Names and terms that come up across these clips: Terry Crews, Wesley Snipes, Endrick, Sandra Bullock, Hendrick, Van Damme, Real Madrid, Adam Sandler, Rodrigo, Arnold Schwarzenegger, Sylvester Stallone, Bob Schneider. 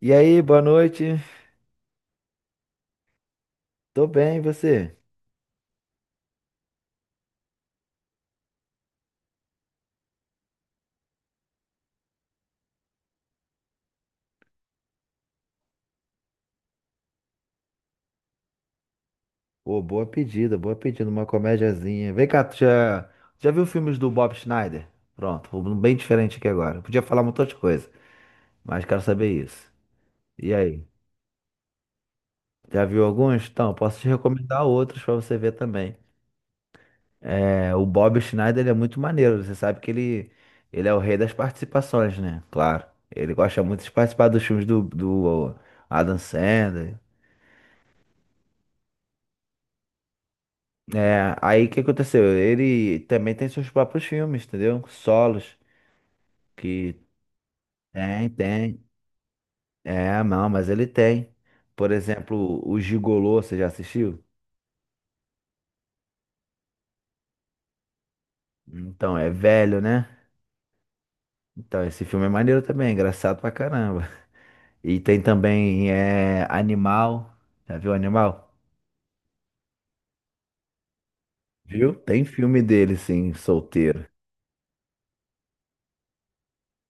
E aí, boa noite. Tô bem, e você? Pô, boa pedida, uma comédiazinha. Vem cá, tu já viu filmes do Bob Schneider? Pronto, um bem diferente aqui agora. Podia falar um montão de coisa, mas quero saber isso. E aí, já viu alguns? Então, posso te recomendar outros pra você ver também. É, o Bob Schneider, ele é muito maneiro. Você sabe que ele é o rei das participações, né? Claro. Ele gosta muito de participar dos filmes do Adam Sandler. É, aí o que aconteceu? Ele também tem seus próprios filmes, entendeu? Solos, que tem, tem. É, não, mas ele tem. Por exemplo, o Gigolô, você já assistiu? Então, é velho, né? Então, esse filme é maneiro também, é engraçado pra caramba. E tem também Animal. Já viu Animal? Viu? Tem filme dele, sim, solteiro.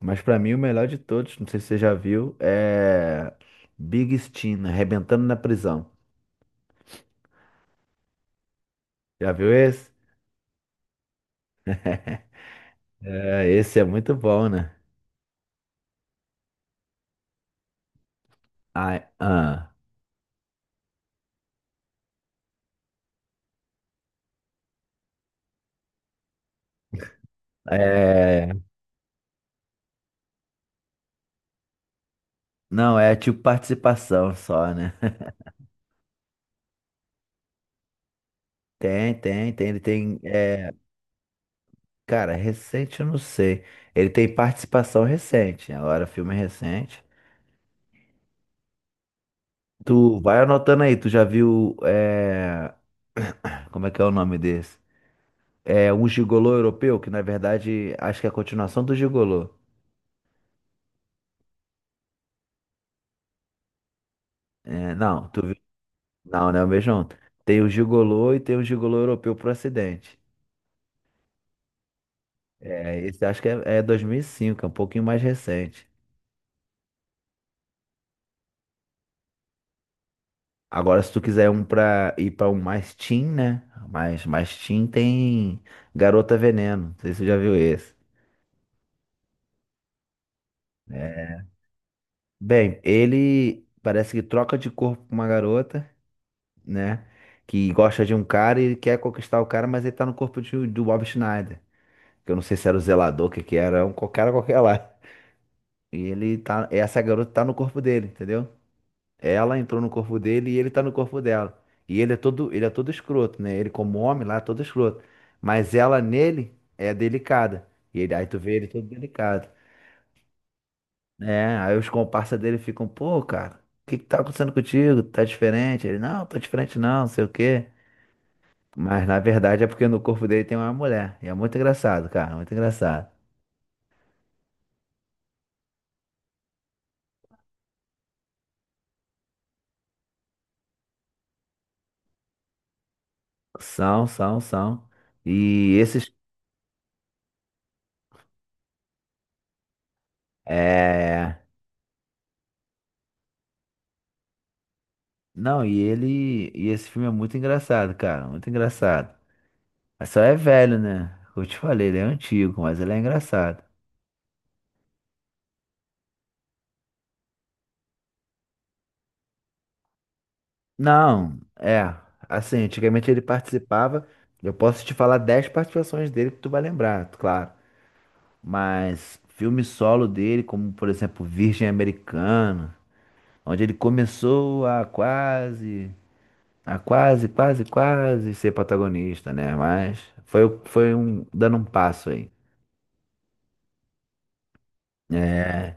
Mas pra mim, o melhor de todos, não sei se você já viu, é Big Steam, Arrebentando na Prisão. Já viu esse? É, esse é muito bom, né? Ai, ah, é, não, é tipo participação só, né? Tem, tem, tem. Ele tem. Cara, recente eu não sei. Ele tem participação recente. Agora, filme recente. Tu vai anotando aí, tu já viu. Como é que é o nome desse? É um gigolô europeu, que na verdade acho que é a continuação do gigolô. É, não, tu viu? Não, não é o mesmo. Tem o gigolô e tem o gigolô europeu pro acidente. É, esse acho que é 2005, é um pouquinho mais recente. Agora, se tu quiser um pra ir pra um mais teen, né? Mais teen tem Garota Veneno. Não sei se você já viu esse, né? Bem, ele parece que troca de corpo com uma garota, né? Que gosta de um cara e ele quer conquistar o cara, mas ele tá no corpo do Bob Schneider. Que eu não sei se era o zelador, o que que era, um cara qualquer lá. Essa garota tá no corpo dele, entendeu? Ela entrou no corpo dele e ele tá no corpo dela. E ele é todo escroto, né? Ele como homem lá é todo escroto. Mas ela nele é delicada. Aí tu vê ele todo delicado. É, aí os comparsas dele ficam, pô, cara, o que que tá acontecendo contigo? Tá diferente? Não, tô diferente não, não sei o quê. Mas na verdade é porque no corpo dele tem uma mulher. E é muito engraçado, cara, muito engraçado. São, são, são. E esses. É. Não, e ele. E esse filme é muito engraçado, cara. Muito engraçado. Mas só é velho, né? Eu te falei, ele é antigo, mas ele é engraçado. Não, é. Assim, antigamente ele participava. Eu posso te falar 10 participações dele que tu vai lembrar, claro. Mas filme solo dele, como por exemplo Virgem Americana, onde ele começou a quase ser protagonista, né? Mas foi dando um passo aí. É.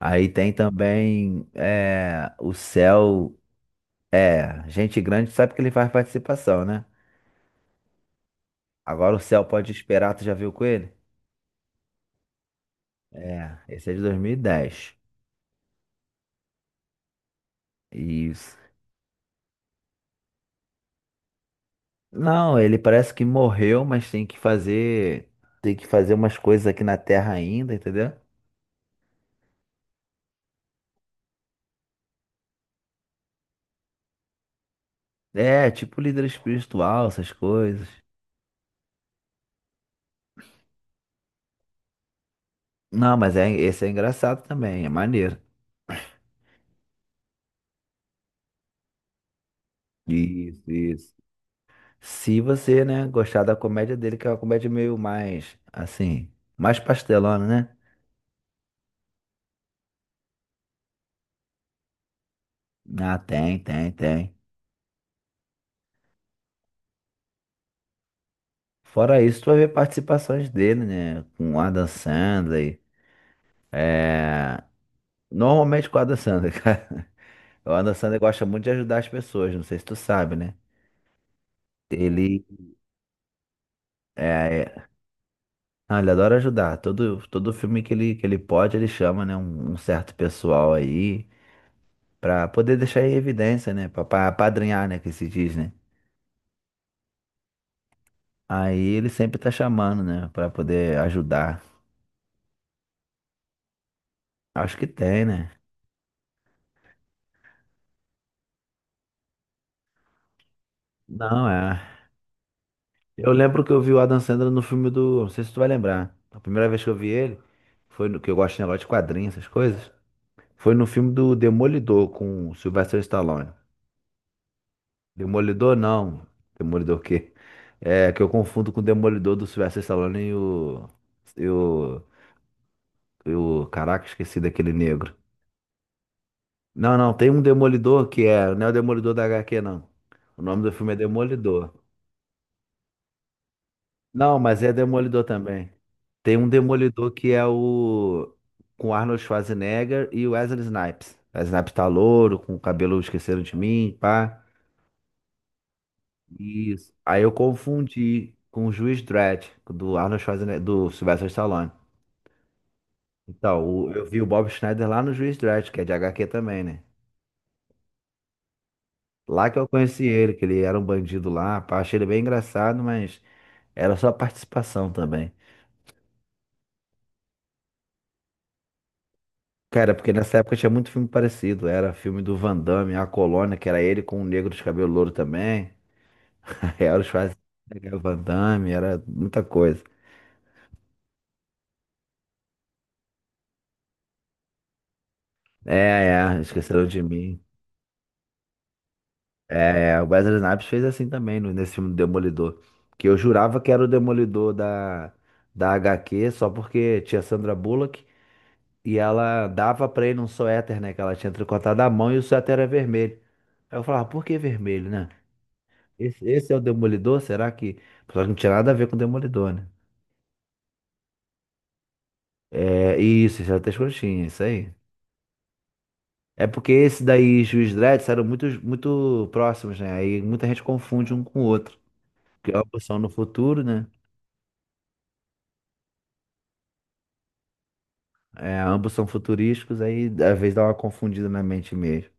Aí tem também o céu. É, gente grande sabe que ele faz participação, né? Agora o Céu Pode Esperar, tu já viu com ele? É, esse é de 2010. Isso. Não, ele parece que morreu, mas tem que fazer umas coisas aqui na Terra ainda, entendeu? É, tipo líder espiritual, essas coisas. Não, mas é, esse é engraçado também, é maneiro. Isso, isso. Se você, né, gostar da comédia dele, que é uma comédia meio mais, assim, mais pastelona, né? Ah, tem, tem, tem. Fora isso, tu vai ver participações dele, né? Com o Adam Sandler. É... Normalmente com o Adam Sandler, cara. O Adam Sandler gosta muito de ajudar as pessoas, não sei se tu sabe, né? Ele, é... é- ah, ele adora ajudar. Todo filme que ele pode, ele chama, né? Um certo pessoal aí pra poder deixar em evidência, né? Pra apadrinhar, né? Que se diz, né? Aí ele sempre tá chamando, né? Pra poder ajudar. Acho que tem, né? Não, é. Eu lembro que eu vi o Adam Sandler no filme do. Não sei se tu vai lembrar. A primeira vez que eu vi ele, foi no... que eu gosto de negócio de quadrinhos, essas coisas. Foi no filme do Demolidor com o Sylvester Stallone. Demolidor não. Demolidor o quê? É que eu confundo com o Demolidor do Sylvester Stallone E o. Caraca, esqueci daquele negro. Não, não, tem um Demolidor que é. Não é o Demolidor da HQ, não. O nome do filme é Demolidor. Não, mas é Demolidor também. Tem um Demolidor que é o. com Arnold Schwarzenegger e o Wesley Snipes. Wesley Snipes tá louro, com o cabelo esqueceram de mim, pá. Isso. Aí eu confundi com o Juiz Dredd, do Arnold Schwarzenegger, do Sylvester Stallone. Então, eu vi o Bob Schneider lá no Juiz Dredd, que é de HQ também, né? Lá que eu conheci ele, que ele era um bandido lá, pá. Achei ele bem engraçado, mas era só participação também. Cara, porque nessa época tinha muito filme parecido. Era filme do Van Damme, A Colônia, que era ele com o negro de cabelo louro também. Era o Schwarzenegger, o Van Damme, era muita coisa. É, é, esqueceram de mim. É, o Wesley Snipes fez assim também nesse filme do Demolidor. Que eu jurava que era o Demolidor da HQ, só porque tinha Sandra Bullock e ela dava pra ele um suéter, né? Que ela tinha tricotado à mão e o suéter era vermelho. Aí eu falava, por que vermelho, né? Esse é o Demolidor? Será que. Só que não tinha nada a ver com o Demolidor, né? É, isso é até escrotinho, isso aí. É porque esse daí e Juiz Dredd eram muito, muito próximos, né? Aí muita gente confunde um com o outro. Porque ambos são no futuro, né? É, ambos são futurísticos, aí às vezes dá uma confundida na mente mesmo.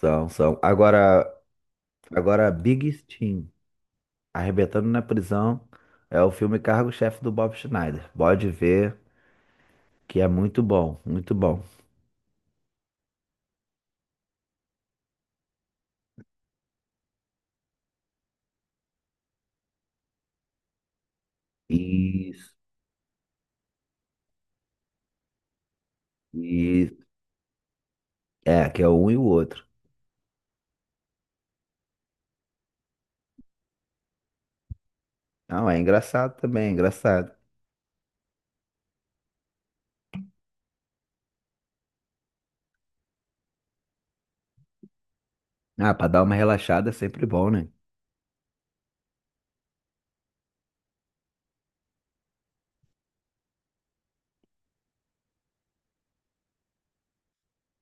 São, são. Agora Big Steam, Arrebentando na Prisão, é o filme Cargo-Chefe do Bob Schneider. Pode ver que é muito bom, muito bom. Isso. É, que é um e o outro. Não, é engraçado também, é engraçado. Ah, pra dar uma relaxada é sempre bom, né?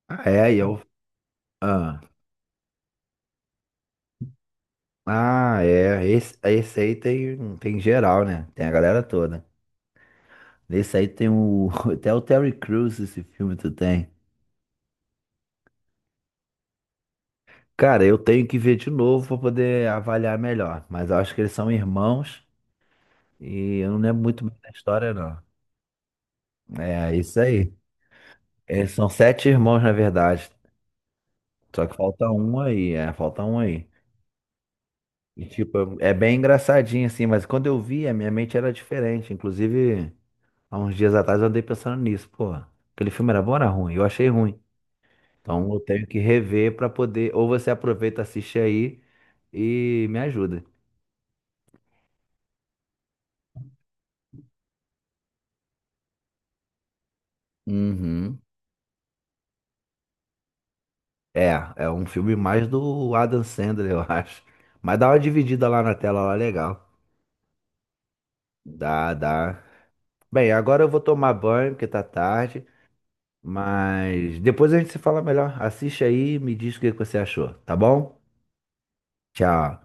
Ah, é, e eu. Ah, ah é. Esse aí tem geral, né? Tem a galera toda. Nesse aí tem o. Até o Terry Crews, esse filme tu tem. Cara, eu tenho que ver de novo pra poder avaliar melhor. Mas eu acho que eles são irmãos e eu não lembro muito bem da história, não. É, isso aí. Eles são sete irmãos, na verdade. Só que falta um aí, falta um aí. E, tipo, é bem engraçadinho assim, mas quando eu vi, a minha mente era diferente. Inclusive, há uns dias atrás eu andei pensando nisso, pô, aquele filme era bom ou era ruim? Eu achei ruim. Então eu tenho que rever pra poder. Ou você aproveita, assiste aí e me ajuda. Uhum. É, é um filme mais do Adam Sandler, eu acho. Mas dá uma dividida lá na tela, lá legal. Dá, dá. Bem, agora eu vou tomar banho, porque tá tarde. Mas depois a gente se fala melhor. Assiste aí e me diz o que que você achou, tá bom? Tchau.